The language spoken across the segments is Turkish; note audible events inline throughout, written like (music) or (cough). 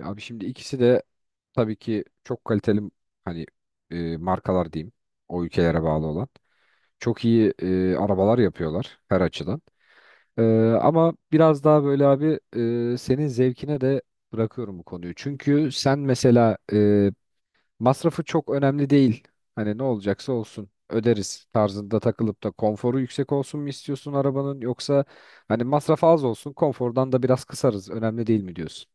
Ya Abi şimdi ikisi de tabii ki çok kaliteli hani markalar diyeyim o ülkelere bağlı olan. Çok iyi arabalar yapıyorlar her açıdan. E, ama biraz daha böyle abi senin zevkine de bırakıyorum bu konuyu. Çünkü sen mesela masrafı çok önemli değil. Hani ne olacaksa olsun öderiz tarzında takılıp da konforu yüksek olsun mu istiyorsun arabanın yoksa hani masrafı az olsun konfordan da biraz kısarız önemli değil mi diyorsun?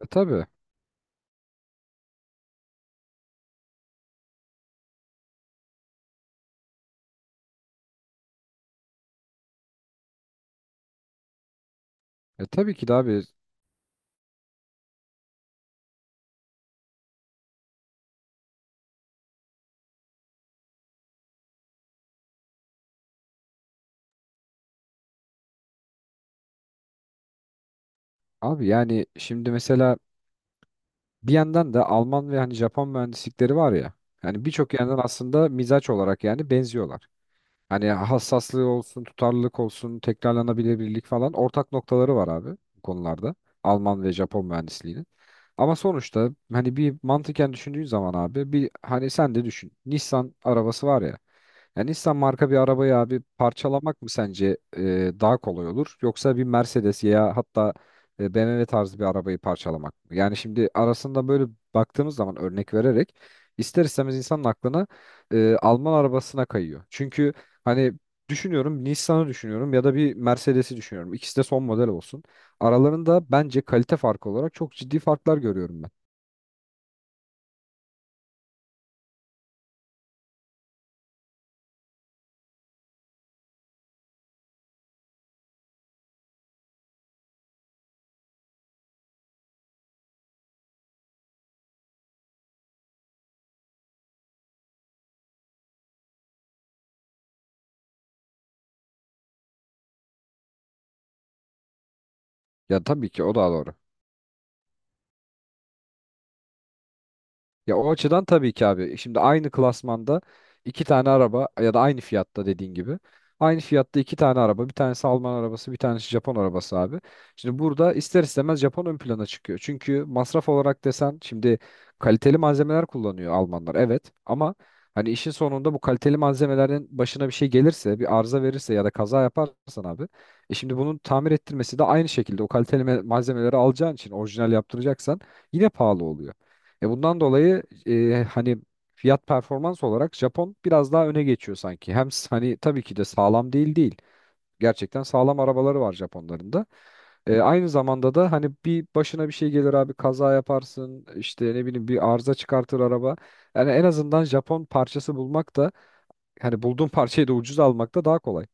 E tabii. E tabii ki de abi. Abi yani şimdi mesela bir yandan da Alman ve hani Japon mühendislikleri var ya. Yani birçok yandan aslında mizaç olarak yani benziyorlar. Hani hassaslığı olsun, tutarlılık olsun, tekrarlanabilirlik falan ortak noktaları var abi bu konularda. Alman ve Japon mühendisliğinin. Ama sonuçta hani bir mantıken düşündüğün zaman abi bir hani sen de düşün. Nissan arabası var ya. Yani Nissan marka bir arabayı abi parçalamak mı sence daha kolay olur? Yoksa bir Mercedes ya hatta BMW tarzı bir arabayı parçalamak mı? Yani şimdi arasında böyle baktığımız zaman örnek vererek ister istemez insanın aklına Alman arabasına kayıyor. Çünkü hani düşünüyorum Nissan'ı düşünüyorum ya da bir Mercedes'i düşünüyorum. İkisi de son model olsun. Aralarında bence kalite farkı olarak çok ciddi farklar görüyorum ben. Ya tabii ki o da doğru. Ya o açıdan tabii ki abi. Şimdi aynı klasmanda iki tane araba ya da aynı fiyatta dediğin gibi. Aynı fiyatta iki tane araba. Bir tanesi Alman arabası, bir tanesi Japon arabası abi. Şimdi burada ister istemez Japon ön plana çıkıyor. Çünkü masraf olarak desen şimdi kaliteli malzemeler kullanıyor Almanlar. Evet ama hani işin sonunda bu kaliteli malzemelerin başına bir şey gelirse, bir arıza verirse ya da kaza yaparsan abi. Şimdi bunun tamir ettirmesi de aynı şekilde o kaliteli malzemeleri alacağın için orijinal yaptıracaksan yine pahalı oluyor. Bundan dolayı hani fiyat performans olarak Japon biraz daha öne geçiyor sanki. Hem hani tabii ki de sağlam değil değil. Gerçekten sağlam arabaları var Japonların da. Aynı zamanda da hani bir başına bir şey gelir abi kaza yaparsın işte ne bileyim bir arıza çıkartır araba. Yani en azından Japon parçası bulmak da hani bulduğun (laughs) parçayı da ucuz almak da daha kolay.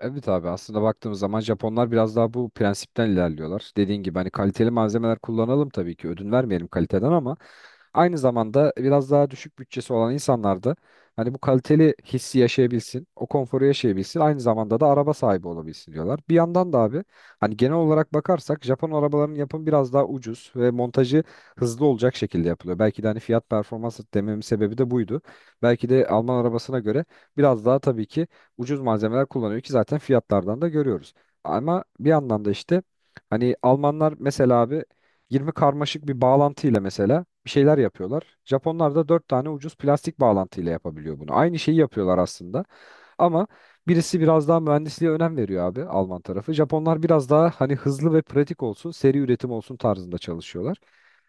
Evet abi aslında baktığımız zaman Japonlar biraz daha bu prensipten ilerliyorlar. Dediğin gibi hani kaliteli malzemeler kullanalım tabii ki ödün vermeyelim kaliteden ama aynı zamanda biraz daha düşük bütçesi olan insanlar da hani bu kaliteli hissi yaşayabilsin, o konforu yaşayabilsin, aynı zamanda da araba sahibi olabilsin diyorlar. Bir yandan da abi hani genel olarak bakarsak Japon arabalarının yapımı biraz daha ucuz ve montajı hızlı olacak şekilde yapılıyor. Belki de hani fiyat performans dememin sebebi de buydu. Belki de Alman arabasına göre biraz daha tabii ki ucuz malzemeler kullanıyor ki zaten fiyatlardan da görüyoruz. Ama bir yandan da işte hani Almanlar mesela abi 20 karmaşık bir bağlantıyla mesela bir şeyler yapıyorlar. Japonlar da 4 tane ucuz plastik bağlantıyla yapabiliyor bunu. Aynı şeyi yapıyorlar aslında. Ama birisi biraz daha mühendisliğe önem veriyor abi Alman tarafı. Japonlar biraz daha hani hızlı ve pratik olsun, seri üretim olsun tarzında çalışıyorlar.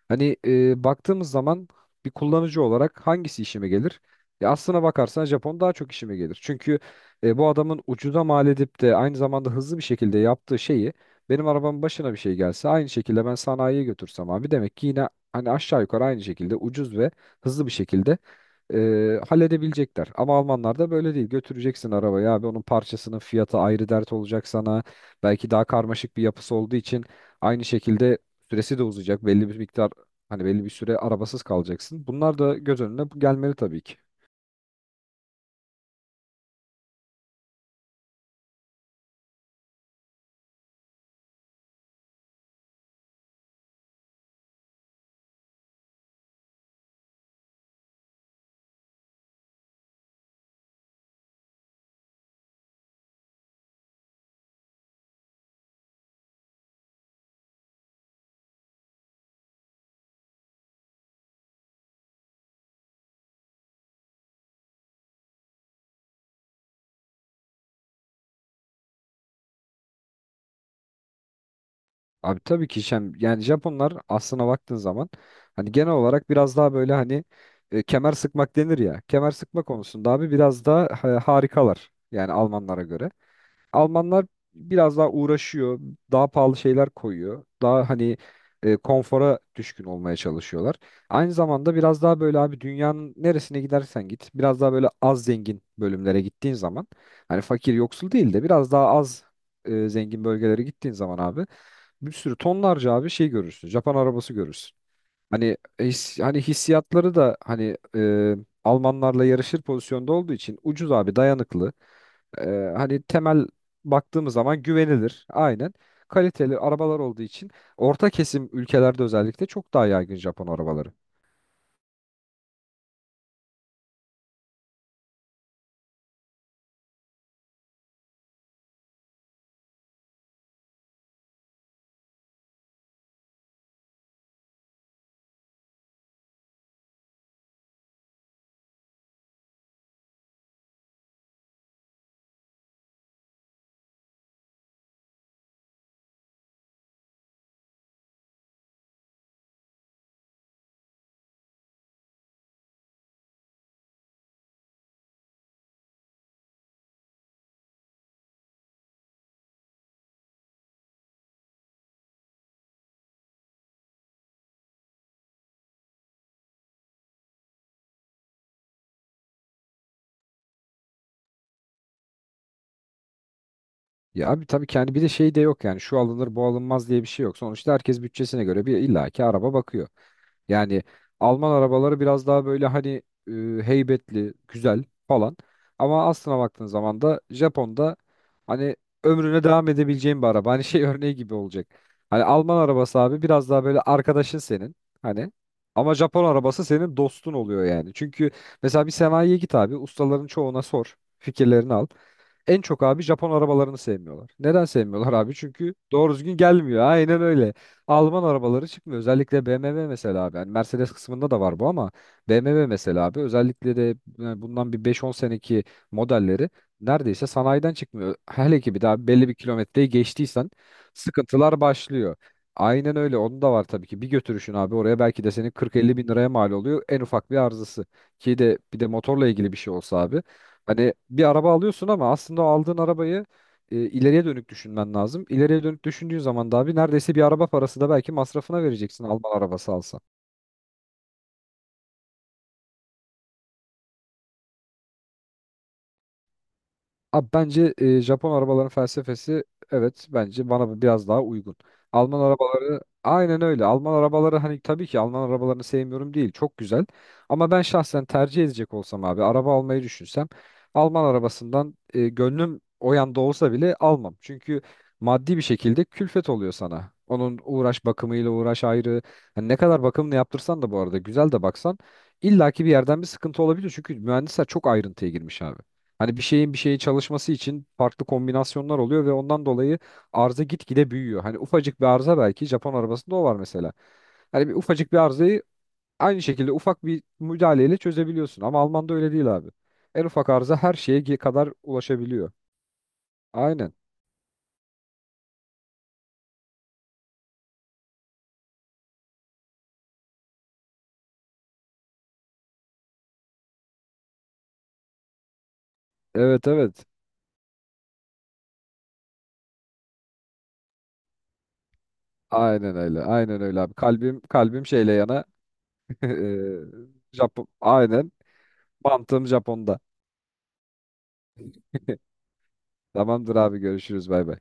Hani baktığımız zaman bir kullanıcı olarak hangisi işime gelir? Aslına bakarsan Japon daha çok işime gelir. Çünkü bu adamın ucuza mal edip de aynı zamanda hızlı bir şekilde yaptığı şeyi benim arabamın başına bir şey gelse aynı şekilde ben sanayiye götürsem abi demek ki yine hani aşağı yukarı aynı şekilde ucuz ve hızlı bir şekilde halledebilecekler. Ama Almanlar da böyle değil. Götüreceksin arabayı abi onun parçasının fiyatı ayrı dert olacak sana. Belki daha karmaşık bir yapısı olduğu için aynı şekilde süresi de uzayacak. Belli bir miktar hani belli bir süre arabasız kalacaksın. Bunlar da göz önüne gelmeli tabii ki. Abi tabii ki yani Japonlar aslına baktığın zaman hani genel olarak biraz daha böyle hani kemer sıkmak denir ya. Kemer sıkma konusunda abi biraz daha harikalar yani Almanlara göre. Almanlar biraz daha uğraşıyor, daha pahalı şeyler koyuyor. Daha hani konfora düşkün olmaya çalışıyorlar. Aynı zamanda biraz daha böyle abi dünyanın neresine gidersen git, biraz daha böyle az zengin bölümlere gittiğin zaman hani fakir yoksul değil de biraz daha az zengin bölgelere gittiğin zaman abi bir sürü tonlarca abi şey görürsün. Japon arabası görürsün. Hani hani hissiyatları da hani Almanlarla yarışır pozisyonda olduğu için ucuz abi dayanıklı. E, hani temel baktığımız zaman güvenilir. Aynen. Kaliteli arabalar olduğu için orta kesim ülkelerde özellikle çok daha yaygın Japon arabaları. Ya abi tabii ki hani bir de şey de yok yani şu alınır bu alınmaz diye bir şey yok. Sonuçta herkes bütçesine göre bir illaki araba bakıyor. Yani Alman arabaları biraz daha böyle hani heybetli, güzel falan. Ama aslına baktığın zaman da Japon'da hani ömrüne devam edebileceğin bir araba. Hani şey (laughs) örneği gibi olacak. Hani Alman arabası abi biraz daha böyle arkadaşın senin. Hani ama Japon arabası senin dostun oluyor yani. Çünkü mesela bir sanayiye git abi ustaların çoğuna sor. Fikirlerini al. En çok abi Japon arabalarını sevmiyorlar. Neden sevmiyorlar abi? Çünkü doğru düzgün gelmiyor. Aynen öyle. Alman arabaları çıkmıyor. Özellikle BMW mesela abi. Yani Mercedes kısmında da var bu ama BMW mesela abi özellikle de yani bundan bir beş on seneki modelleri neredeyse sanayiden çıkmıyor. Hele ki bir daha belli bir kilometreyi geçtiysen sıkıntılar başlıyor. Aynen öyle. Onun da var tabii ki. Bir götürüşün abi oraya belki de senin 40-50 bin liraya mal oluyor. En ufak bir arızası. Ki de bir de motorla ilgili bir şey olsa abi. Hani bir araba alıyorsun ama aslında o aldığın arabayı ileriye dönük düşünmen lazım. İleriye dönük düşündüğün zaman da abi neredeyse bir araba parası da belki masrafına vereceksin Alman arabası alsan. Abi bence Japon arabaların felsefesi evet bence bana biraz daha uygun. Alman arabaları aynen öyle. Alman arabaları hani tabii ki Alman arabalarını sevmiyorum değil. Çok güzel. Ama ben şahsen tercih edecek olsam abi araba almayı düşünsem Alman arabasından gönlüm o yanda olsa bile almam. Çünkü maddi bir şekilde külfet oluyor sana. Onun uğraş bakımıyla uğraş ayrı. Hani ne kadar bakımını yaptırsan da bu arada güzel de baksan illaki bir yerden bir sıkıntı olabilir. Çünkü mühendisler çok ayrıntıya girmiş abi. Hani bir şeyin bir şeye çalışması için farklı kombinasyonlar oluyor ve ondan dolayı arıza gitgide büyüyor. Hani ufacık bir arıza belki Japon arabasında o var mesela. Hani bir ufacık bir arızayı aynı şekilde ufak bir müdahaleyle çözebiliyorsun ama Alman'da öyle değil abi. En ufak arıza her şeye kadar ulaşabiliyor. Aynen. Evet evet. Aynen öyle. Aynen öyle abi. Kalbim şeyle yana. (laughs) Eee, Japon. Aynen. Mantığım Japon'da. Tamamdır abi görüşürüz bay bay.